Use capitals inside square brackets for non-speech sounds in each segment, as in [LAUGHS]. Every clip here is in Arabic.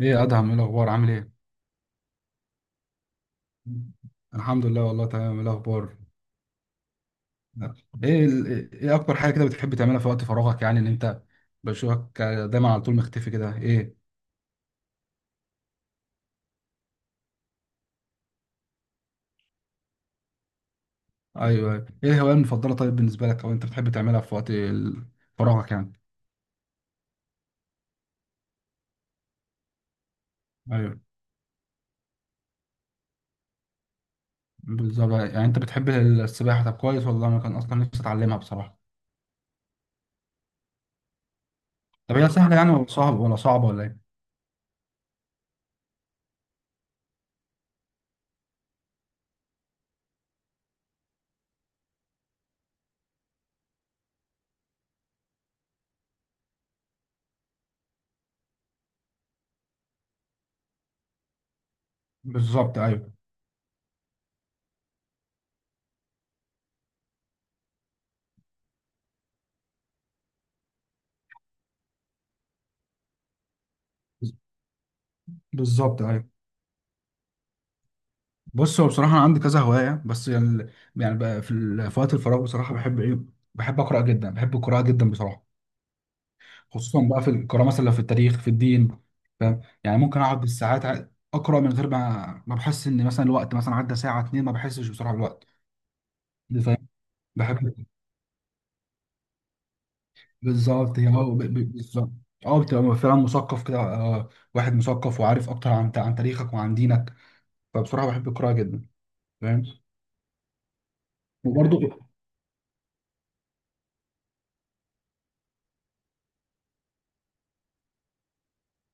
ايه يا ادهم، ايه الاخبار؟ عامل ايه؟ الحمد لله، والله تمام. ايه الاخبار؟ ايه اكتر حاجه كده بتحب تعملها في وقت فراغك؟ يعني ان انت بشوفك دايما على طول مختفي كده. ايه؟ ايوه أيوه. ايه الهوايه المفضله طيب بالنسبه لك، او انت بتحب تعملها في وقت فراغك يعني؟ ايوه بالظبط، يعني انت بتحب السباحه؟ طب كويس، والله انا كان اصلا نفسي اتعلمها بصراحه. طب هي سهله يعني ولا صعبه ولا ايه؟ بالظبط ايوه، بالظبط ايوه. بص، هو بصراحة أنا عندي كذا هواية، بس يعني يعني بقى في وقت الفراغ بصراحة بحب إيه؟ بحب أقرأ جدا، بحب القراءة جدا بصراحة. خصوصا بقى في القراءة، مثلا لو في التاريخ في الدين. فاهم؟ يعني ممكن أقعد بالساعات أقرأ من غير ما بحس إن مثلا الوقت مثلا عدى ساعة اتنين، ما بحسش بصراحة بالوقت دي. فاهم. بحب. بالظبط. هي بالظبط. أه، بتبقى فعلا مثقف كده، واحد مثقف وعارف أكتر عن تاريخك وعن دينك. فبصراحة بحب القراءة جدا. فاهم. وبرضه.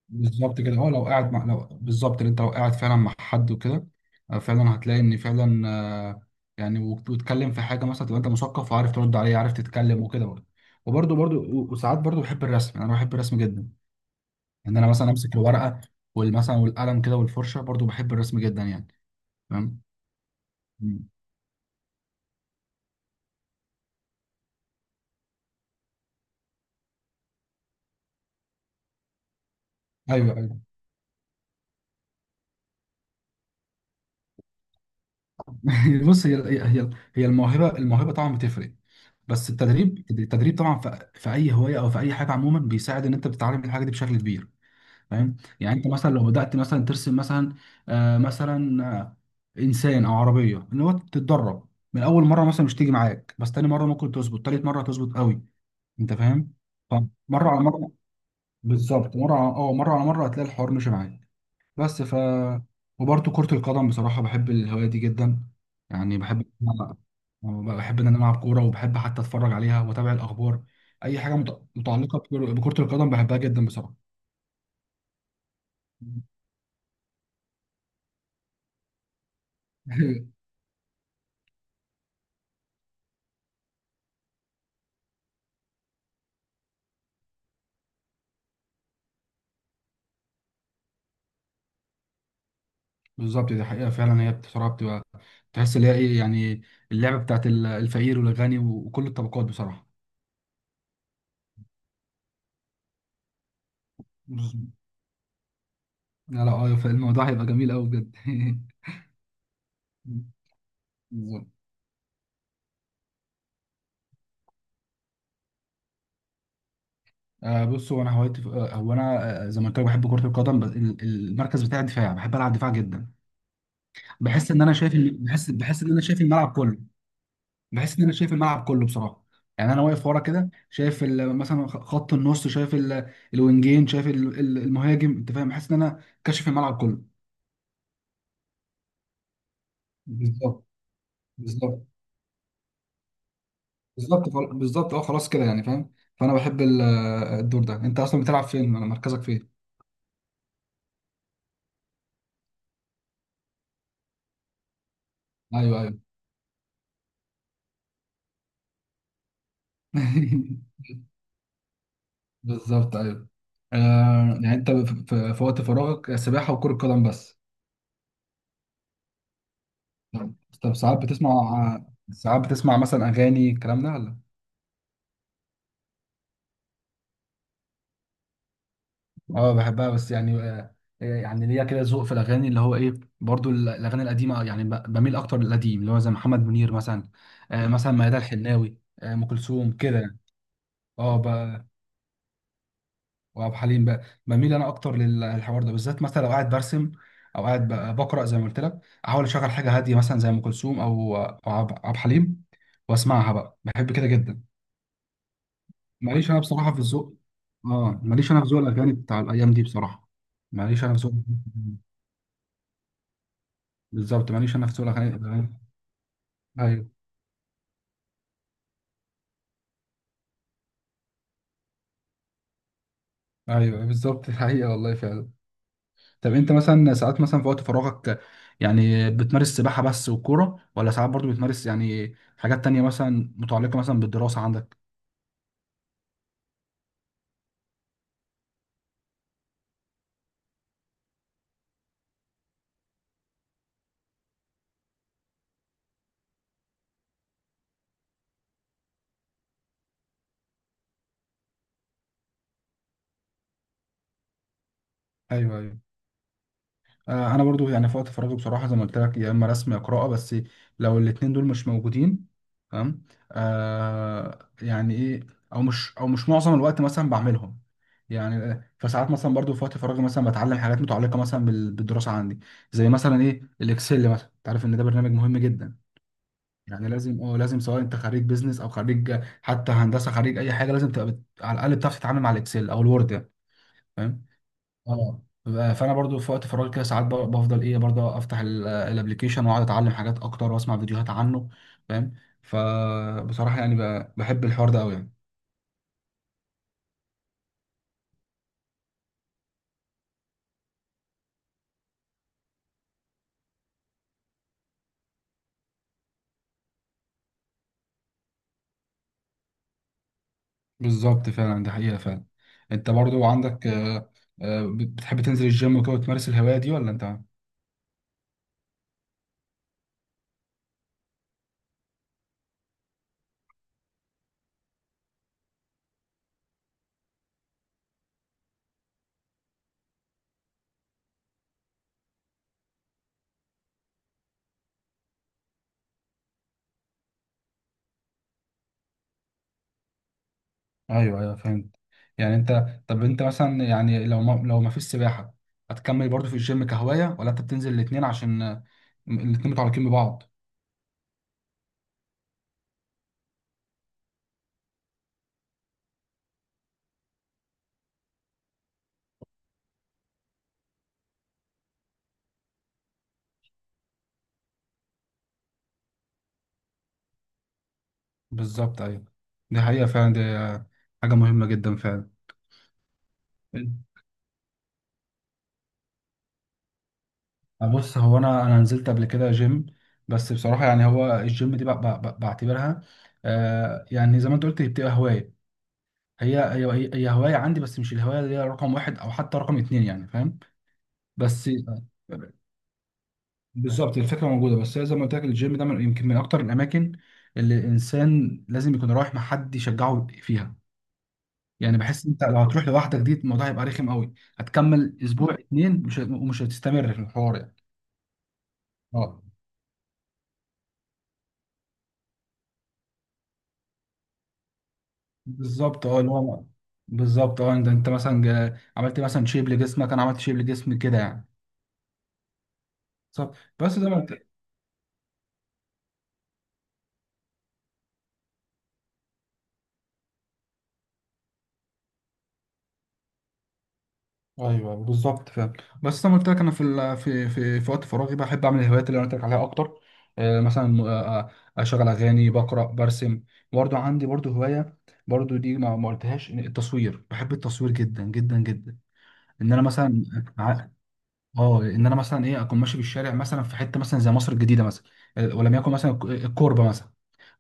بالظبط كده، هو لو قاعد مع لو بالظبط اللي انت لو قاعد فعلا مع حد وكده، فعلا هتلاقي ان فعلا آه، يعني وتتكلم في حاجه مثلا، تبقى انت مثقف وعارف ترد عليه، عارف تتكلم وكده برضه. وبرضه برضه وساعات برضه بحب الرسم. يعني انا بحب الرسم جدا. ان انا مثلا امسك الورقه والمثلا والقلم كده والفرشه، برضه بحب الرسم جدا يعني. فاهم. مم. ايوه ايوه. [LAUGHS] بص، هي هي الموهبه، طبعا بتفرق. بس التدريب، طبعا في اي هوايه او في اي حاجه عموما بيساعد ان انت بتتعلم الحاجه دي بشكل كبير. فاهم؟ يعني انت مثلا لو بدات مثلا ترسم مثلا مثلا انسان او عربيه، ان هو تتدرب من اول مره مثلا مش تيجي معاك، بس تاني مره ممكن تظبط، تالت مره تظبط قوي. انت فاهم؟ فمره على مره. بالظبط، مره على مره هتلاقي الحوار مش معاك بس. وبرده كره القدم بصراحه، بحب الهوايه دي جدا. يعني بحب، بحب ان انا العب كوره، وبحب حتى اتفرج عليها واتابع الاخبار. اي حاجه متعلقه بكرة القدم بحبها جدا بصراحه. [LAUGHS] بالظبط، دي حقيقة فعلا. هي بصراحة بتبقى، تحس اللي هي ايه يعني، اللعبة بتاعت الفقير والغني وكل الطبقات بصراحة. بالظبط. لا لا، ايوه، فالموضوع هيبقى جميل قوي بجد. [LAUGHS] بالظبط. آه بص، هو انا هوايتي في- آه، هو انا آه، زي ما قلت لك بحب كرة القدم. بس المركز بتاعي دفاع، بحب العب دفاع جدا. بحس ان انا شايف بحس ان انا شايف الملعب كله. بحس ان انا شايف الملعب كله بصراحة. يعني انا واقف ورا كده، شايف خط النص، شايف الوينجين، شايف المهاجم. انت فاهم؟ بحس ان انا كاشف الملعب كله. بالظبط. بالظبط. بالظبط، اه، خلاص كده يعني، فاهم. فانا بحب الدور ده. انت اصلا بتلعب فين ولا مركزك فين؟ ايوه ايوه. [LAUGHS] بالظبط ايوه. آه يعني انت في وقت فراغك سباحه وكره قدم بس؟ طب، طب ساعات بتسمع، ساعات بتسمع مثلا اغاني الكلام ده ولا؟ اه بحبها، بس يعني يعني ليا كده ذوق في الاغاني اللي هو ايه؟ برضو الاغاني القديمه يعني، بميل اكتر للقديم، اللي هو زي محمد منير مثلا، مثلا ميادة الحناوي، آه ام كلثوم كده يعني. اه. وعبد الحليم بقى بميل انا اكتر للحوار ده بالذات، مثلا لو قاعد برسم، او قاعد بقرا زي ما قلت لك، احاول اشغل حاجه هاديه مثلا زي ام كلثوم او عبد الحليم، واسمعها بقى، بحب كده جدا. ماليش انا بصراحه في الذوق. اه، ماليش انا في ذوق الاغاني بتاع الايام دي بصراحه. ماليش انا في ذوق. بالظبط، ماليش انا في ذوق الاغاني. ايوه ايوه أيوه، بالظبط. [LAUGHS] الحقيقه والله فعلا. طب انت مثلا ساعات، مثلا في وقت فراغك، يعني بتمارس سباحة بس والكورة، ولا ساعات برضو بتمارس يعني حاجات تانية مثلا متعلقة مثلا بالدراسة عندك؟ ايوه ايوه. آه انا برضو يعني في وقت فراغي بصراحة، زي ما قلت لك، يا اما رسم يا قراءة. بس لو الاتنين دول مش موجودين، تمام، آه يعني ايه، او مش معظم الوقت مثلا بعملهم يعني. فساعات مثلا برضو في وقت فراغي مثلا بتعلم حاجات متعلقة مثلا بالدراسة عندي. زي مثلا ايه الاكسل مثلا، انت عارف ان ده برنامج مهم جدا، يعني لازم، اه لازم، سواء انت خريج بيزنس او خريج حتى هندسه، خريج اي حاجه لازم تبقى على الاقل بتعرف تتعامل مع الاكسل او الوورد يعني. فاهم؟ اه. فانا برضو في وقت فراغي كده ساعات بفضل ايه، برضو افتح الابلكيشن واقعد اتعلم حاجات اكتر واسمع فيديوهات عنه. فاهم؟ فبصراحه يعني بحب الحوار ده قوي يعني. بالظبط فعلا، دي حقيقه فعلا. انت برضو عندك بتحب تنزل الجيم وكده وتمارس الهوايه دي ولا انت؟ ايوه ايوه، فهمت. يعني انت، طب انت مثلا يعني لو ما فيش سباحه، هتكمل برضو في الجيم كهوايه، ولا انت بتنزل الاثنين عشان الاتنين متعلقين ببعض؟ بالظبط ايوه. دي حقيقه فعلا، دي حاجه مهمه جدا فعلا. بص هو انا، نزلت قبل كده جيم، بس بصراحه يعني، هو الجيم دي بعتبرها يعني زي ما انت قلت هي بتبقى هوايه. هي هوايه عندي، بس مش الهوايه اللي هي رقم واحد او حتى رقم اتنين يعني، فاهم؟ بس. بالظبط، الفكره موجوده، بس هي زي ما قلت لك، الجيم ده من يمكن من اكتر الاماكن اللي الانسان لازم يكون رايح مع حد يشجعه فيها. يعني بحس انت لو هتروح لوحدك دي، الموضوع هيبقى رخم قوي، هتكمل اسبوع اتنين، مش ومش هتستمر في الحوار يعني. اه. بالظبط اه اللي هو، بالظبط اه، انت مثلا عملت مثلا شيب لجسمك، انا عملت شيب لجسمي كده يعني. بالظبط. بس ده. ايوه بالظبط فعلا. بس انا قلت لك انا في ال- في في في وقت فراغي بحب اعمل الهوايات اللي انا قلت لك عليها اكتر، آه، مثلا آه، آه، اشغل اغاني، بقرا، برسم. برضو عندي برضو هوايه، برضو دي ما قلتهاش، إن التصوير، بحب التصوير جدا جدا جدا. ان انا مثلا ع- اه ان انا مثلا ايه، اكون ماشي بالشارع مثلا في حته مثلا زي مصر الجديده مثلا، ولم يكن مثلا الكوربه مثلا.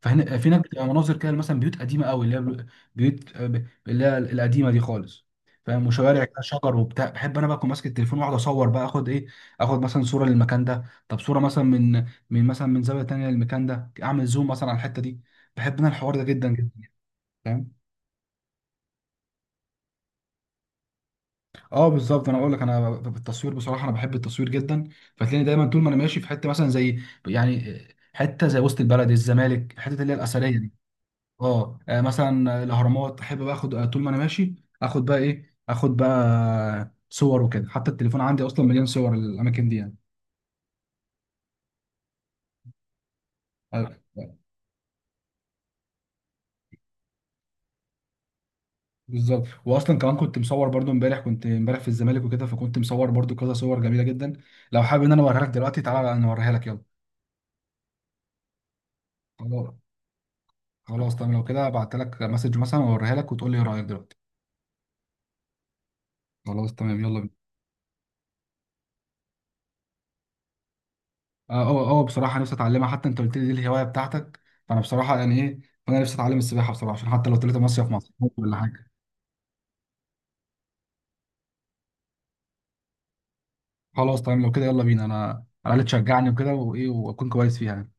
فهنا في هناك بتبقى مناظر كده، مثلا بيوت قديمه قوي، اللي هي بيوت، اللي هي القديمه دي خالص. فاهم؟ وشوارع كده، شجر وبتاع، بحب انا بقى اكون ماسك التليفون واقعد اصور بقى، اخد ايه، اخد مثلا صوره للمكان ده، طب صوره مثلا من مثلا من زاويه تانيه للمكان ده، اعمل زوم مثلا على الحته دي. بحب انا الحوار ده جدا جدا. فاهم. اه بالظبط، انا اقول لك، انا بالتصوير بصراحه، انا بحب التصوير جدا. فتلاقيني دايما طول ما انا ماشي في حته مثلا زي يعني حته زي وسط البلد، الزمالك، الحته اللي هي الاثريه دي. اه، مثلا الاهرامات، احب بقى اخد، طول ما انا ماشي اخد بقى ايه، اخد بقى صور وكده. حتى التليفون عندي اصلا مليان صور الاماكن دي يعني. آه، بالظبط. واصلا كمان كنت مصور برضو امبارح، كنت امبارح في الزمالك وكده، فكنت مصور برضو كذا صور جميله جدا. لو حابب ان انا اوريها لك دلوقتي، تعالى نوريها لك. يلا. خلاص تمام، لو كده بعت لك مسج مثلا واوريها لك، وتقول لي ايه رايك دلوقتي. خلاص تمام، يلا بينا. اه اه اه، بصراحه نفسي اتعلمها، حتى انت قلت لي دي الهوايه بتاعتك. فانا بصراحه يعني ايه، فانا نفسي اتعلم السباحه بصراحه، عشان حتى لو طلعت مصيف مع صحابي ولا حاجه. خلاص تمام، لو كده يلا بينا، انا على الاقل تشجعني وكده، وايه، واكون كويس فيها يعني.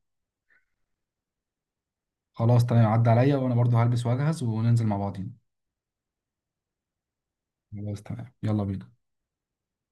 خلاص تمام، عدى عليا وانا برضو هلبس واجهز وننزل مع بعضين. خلاص تمام، يلا بينا.